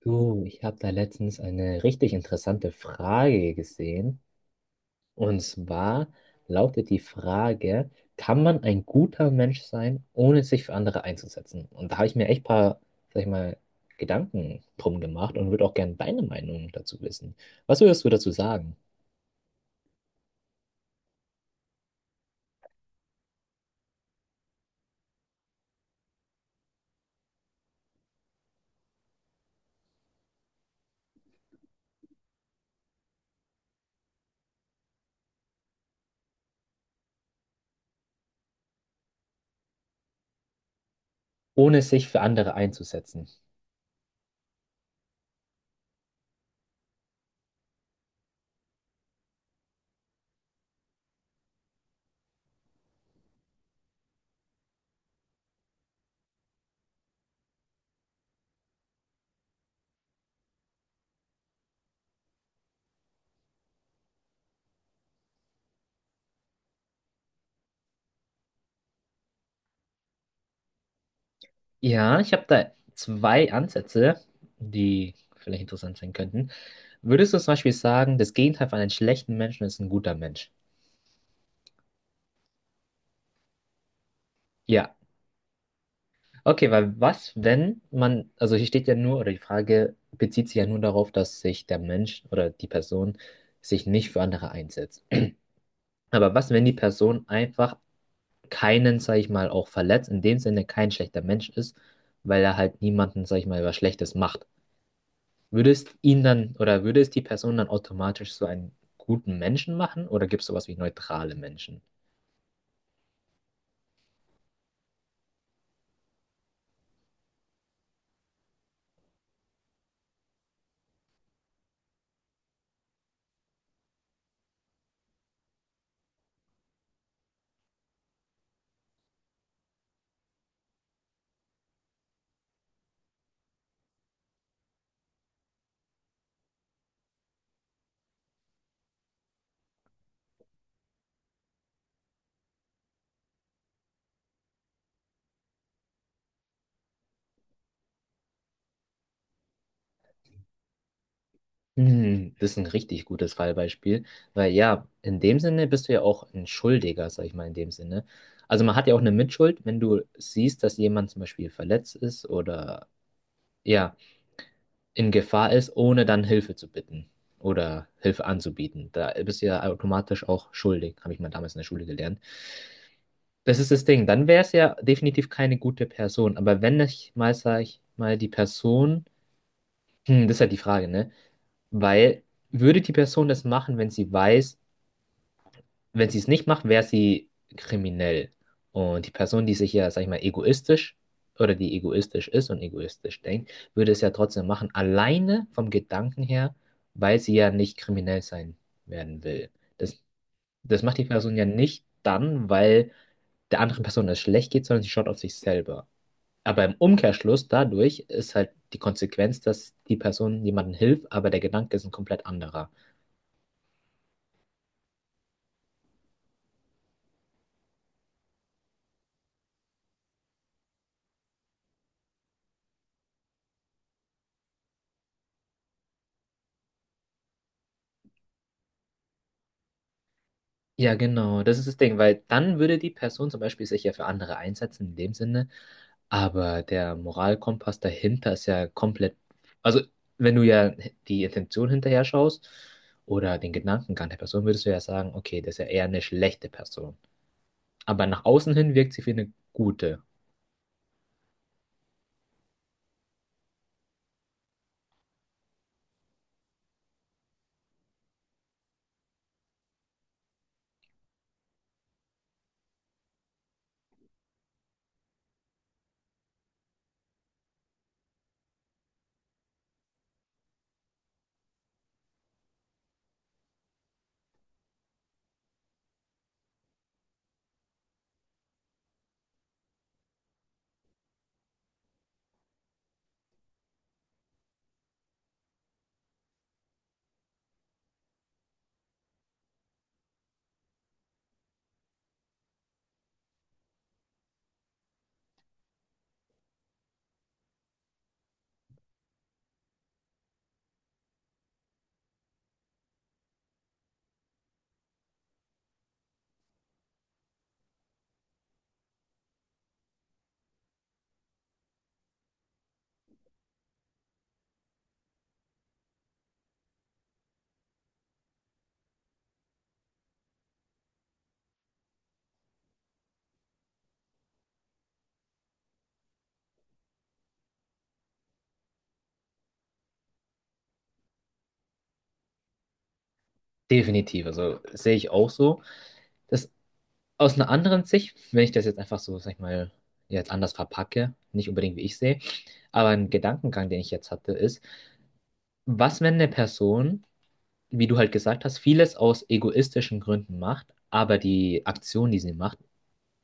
Du, ich habe da letztens eine richtig interessante Frage gesehen. Und zwar lautet die Frage, kann man ein guter Mensch sein, ohne sich für andere einzusetzen? Und da habe ich mir echt ein paar, sag ich mal, Gedanken drum gemacht und würde auch gerne deine Meinung dazu wissen. Was würdest du dazu sagen, ohne sich für andere einzusetzen? Ja, ich habe da zwei Ansätze, die vielleicht interessant sein könnten. Würdest du zum Beispiel sagen, das Gegenteil von einem schlechten Menschen ist ein guter Mensch? Ja. Okay, weil was, wenn man, also hier steht ja nur, oder die Frage bezieht sich ja nur darauf, dass sich der Mensch oder die Person sich nicht für andere einsetzt. Aber was, wenn die Person einfach keinen, sag ich mal, auch verletzt, in dem Sinne kein schlechter Mensch ist, weil er halt niemanden, sag ich mal, was Schlechtes macht? Würde es ihn dann, oder würde es die Person dann automatisch so einen guten Menschen machen, oder gibt es sowas wie neutrale Menschen? Hm, das ist ein richtig gutes Fallbeispiel, weil ja, in dem Sinne bist du ja auch ein Schuldiger, sag ich mal, in dem Sinne. Also man hat ja auch eine Mitschuld, wenn du siehst, dass jemand zum Beispiel verletzt ist oder ja, in Gefahr ist, ohne dann Hilfe zu bitten oder Hilfe anzubieten. Da bist du ja automatisch auch schuldig, habe ich mal damals in der Schule gelernt. Das ist das Ding, dann wäre es ja definitiv keine gute Person, aber wenn ich mal, sag ich mal, die Person, hm, das ist halt die Frage, ne? Weil würde die Person das machen, wenn sie weiß, wenn sie es nicht macht, wäre sie kriminell. Und die Person, die sich ja, sag ich mal, egoistisch oder die egoistisch ist und egoistisch denkt, würde es ja trotzdem machen, alleine vom Gedanken her, weil sie ja nicht kriminell sein werden will. Das, das macht die Person ja nicht dann, weil der anderen Person es schlecht geht, sondern sie schaut auf sich selber. Aber im Umkehrschluss dadurch ist halt die Konsequenz, dass die Person jemandem hilft, aber der Gedanke ist ein komplett anderer. Ja, genau, das ist das Ding, weil dann würde die Person zum Beispiel sich ja für andere einsetzen in dem Sinne, aber der Moralkompass dahinter ist ja komplett, also wenn du ja die Intention hinterher schaust oder den Gedankengang der Person, würdest du ja sagen, okay, das ist ja eher eine schlechte Person. Aber nach außen hin wirkt sie wie eine gute. Definitiv, also sehe ich auch so. Das aus einer anderen Sicht, wenn ich das jetzt einfach so, sag ich mal, jetzt anders verpacke, nicht unbedingt wie ich sehe, aber ein Gedankengang, den ich jetzt hatte, ist, was, wenn eine Person, wie du halt gesagt hast, vieles aus egoistischen Gründen macht, aber die Aktionen, die sie macht,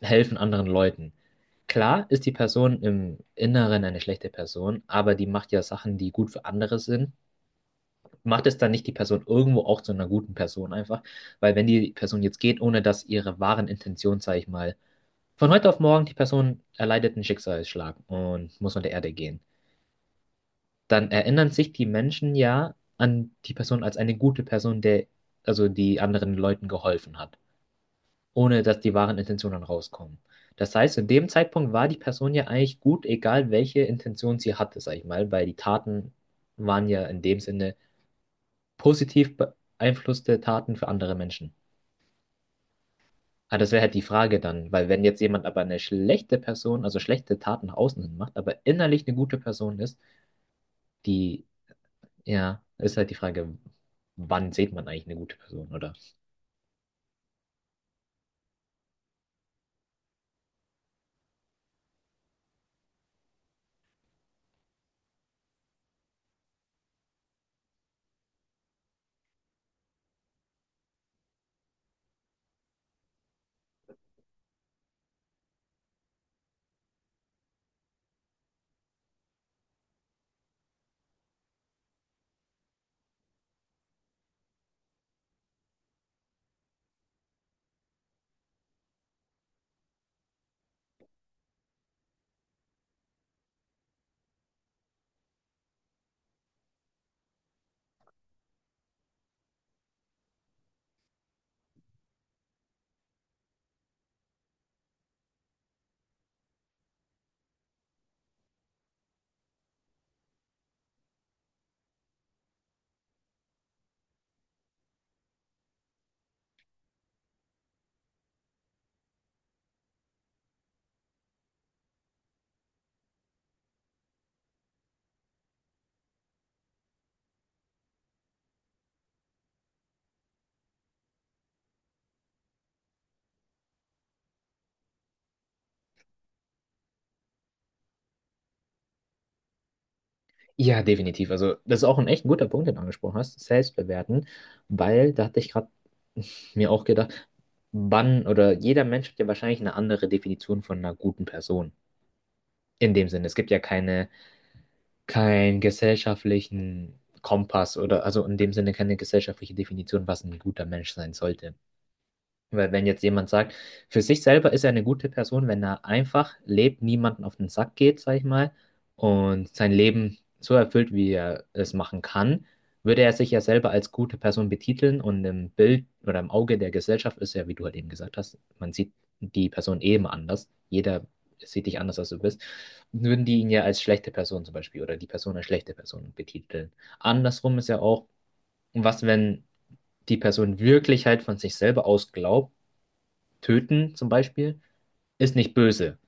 helfen anderen Leuten? Klar ist die Person im Inneren eine schlechte Person, aber die macht ja Sachen, die gut für andere sind. Macht es dann nicht die Person irgendwo auch zu einer guten Person einfach? Weil wenn die Person jetzt geht, ohne dass ihre wahren Intentionen, sag ich mal, von heute auf morgen die Person erleidet einen Schicksalsschlag und muss von der Erde gehen. Dann erinnern sich die Menschen ja an die Person als eine gute Person, der also die anderen Leuten geholfen hat, ohne dass die wahren Intentionen rauskommen. Das heißt, in dem Zeitpunkt war die Person ja eigentlich gut, egal welche Intention sie hatte, sag ich mal, weil die Taten waren ja in dem Sinne positiv beeinflusste Taten für andere Menschen. Ah, das wäre halt die Frage dann, weil wenn jetzt jemand aber eine schlechte Person, also schlechte Taten nach außen hin macht, aber innerlich eine gute Person ist, die. Ja, ist halt die Frage, wann sieht man eigentlich eine gute Person, oder? Ja, definitiv. Also, das ist auch ein echt guter Punkt, den du angesprochen hast, selbstbewerten, weil da hatte ich gerade mir auch gedacht, wann oder jeder Mensch hat ja wahrscheinlich eine andere Definition von einer guten Person. In dem Sinne, es gibt ja keine, keinen gesellschaftlichen Kompass oder also in dem Sinne keine gesellschaftliche Definition, was ein guter Mensch sein sollte. Weil wenn jetzt jemand sagt, für sich selber ist er eine gute Person, wenn er einfach lebt, niemanden auf den Sack geht, sag ich mal, und sein Leben so erfüllt, wie er es machen kann, würde er sich ja selber als gute Person betiteln und im Bild oder im Auge der Gesellschaft ist ja, wie du halt eben gesagt hast, man sieht die Person eben anders. Jeder sieht dich anders, als du bist. Würden die ihn ja als schlechte Person zum Beispiel oder die Person als schlechte Person betiteln. Andersrum ist ja auch, was, wenn die Person wirklich halt von sich selber aus glaubt, Töten zum Beispiel ist nicht böse.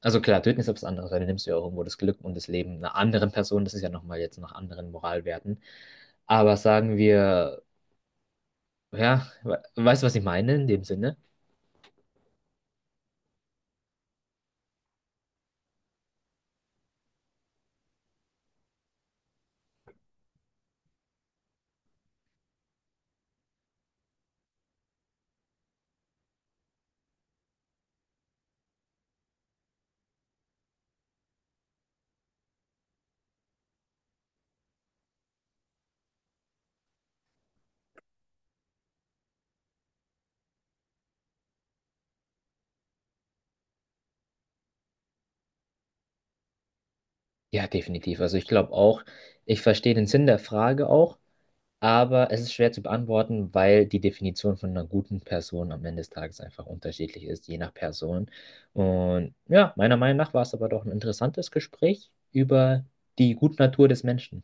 Also klar, töten ist etwas anderes, weil dann nimmst du ja auch irgendwo das Glück und das Leben einer anderen Person. Das ist ja nochmal jetzt nach anderen Moralwerten. Aber sagen wir, ja, we weißt du, was ich meine in dem Sinne? Ja, definitiv. Also ich glaube auch, ich verstehe den Sinn der Frage auch, aber es ist schwer zu beantworten, weil die Definition von einer guten Person am Ende des Tages einfach unterschiedlich ist, je nach Person. Und ja, meiner Meinung nach war es aber doch ein interessantes Gespräch über die Gutnatur des Menschen.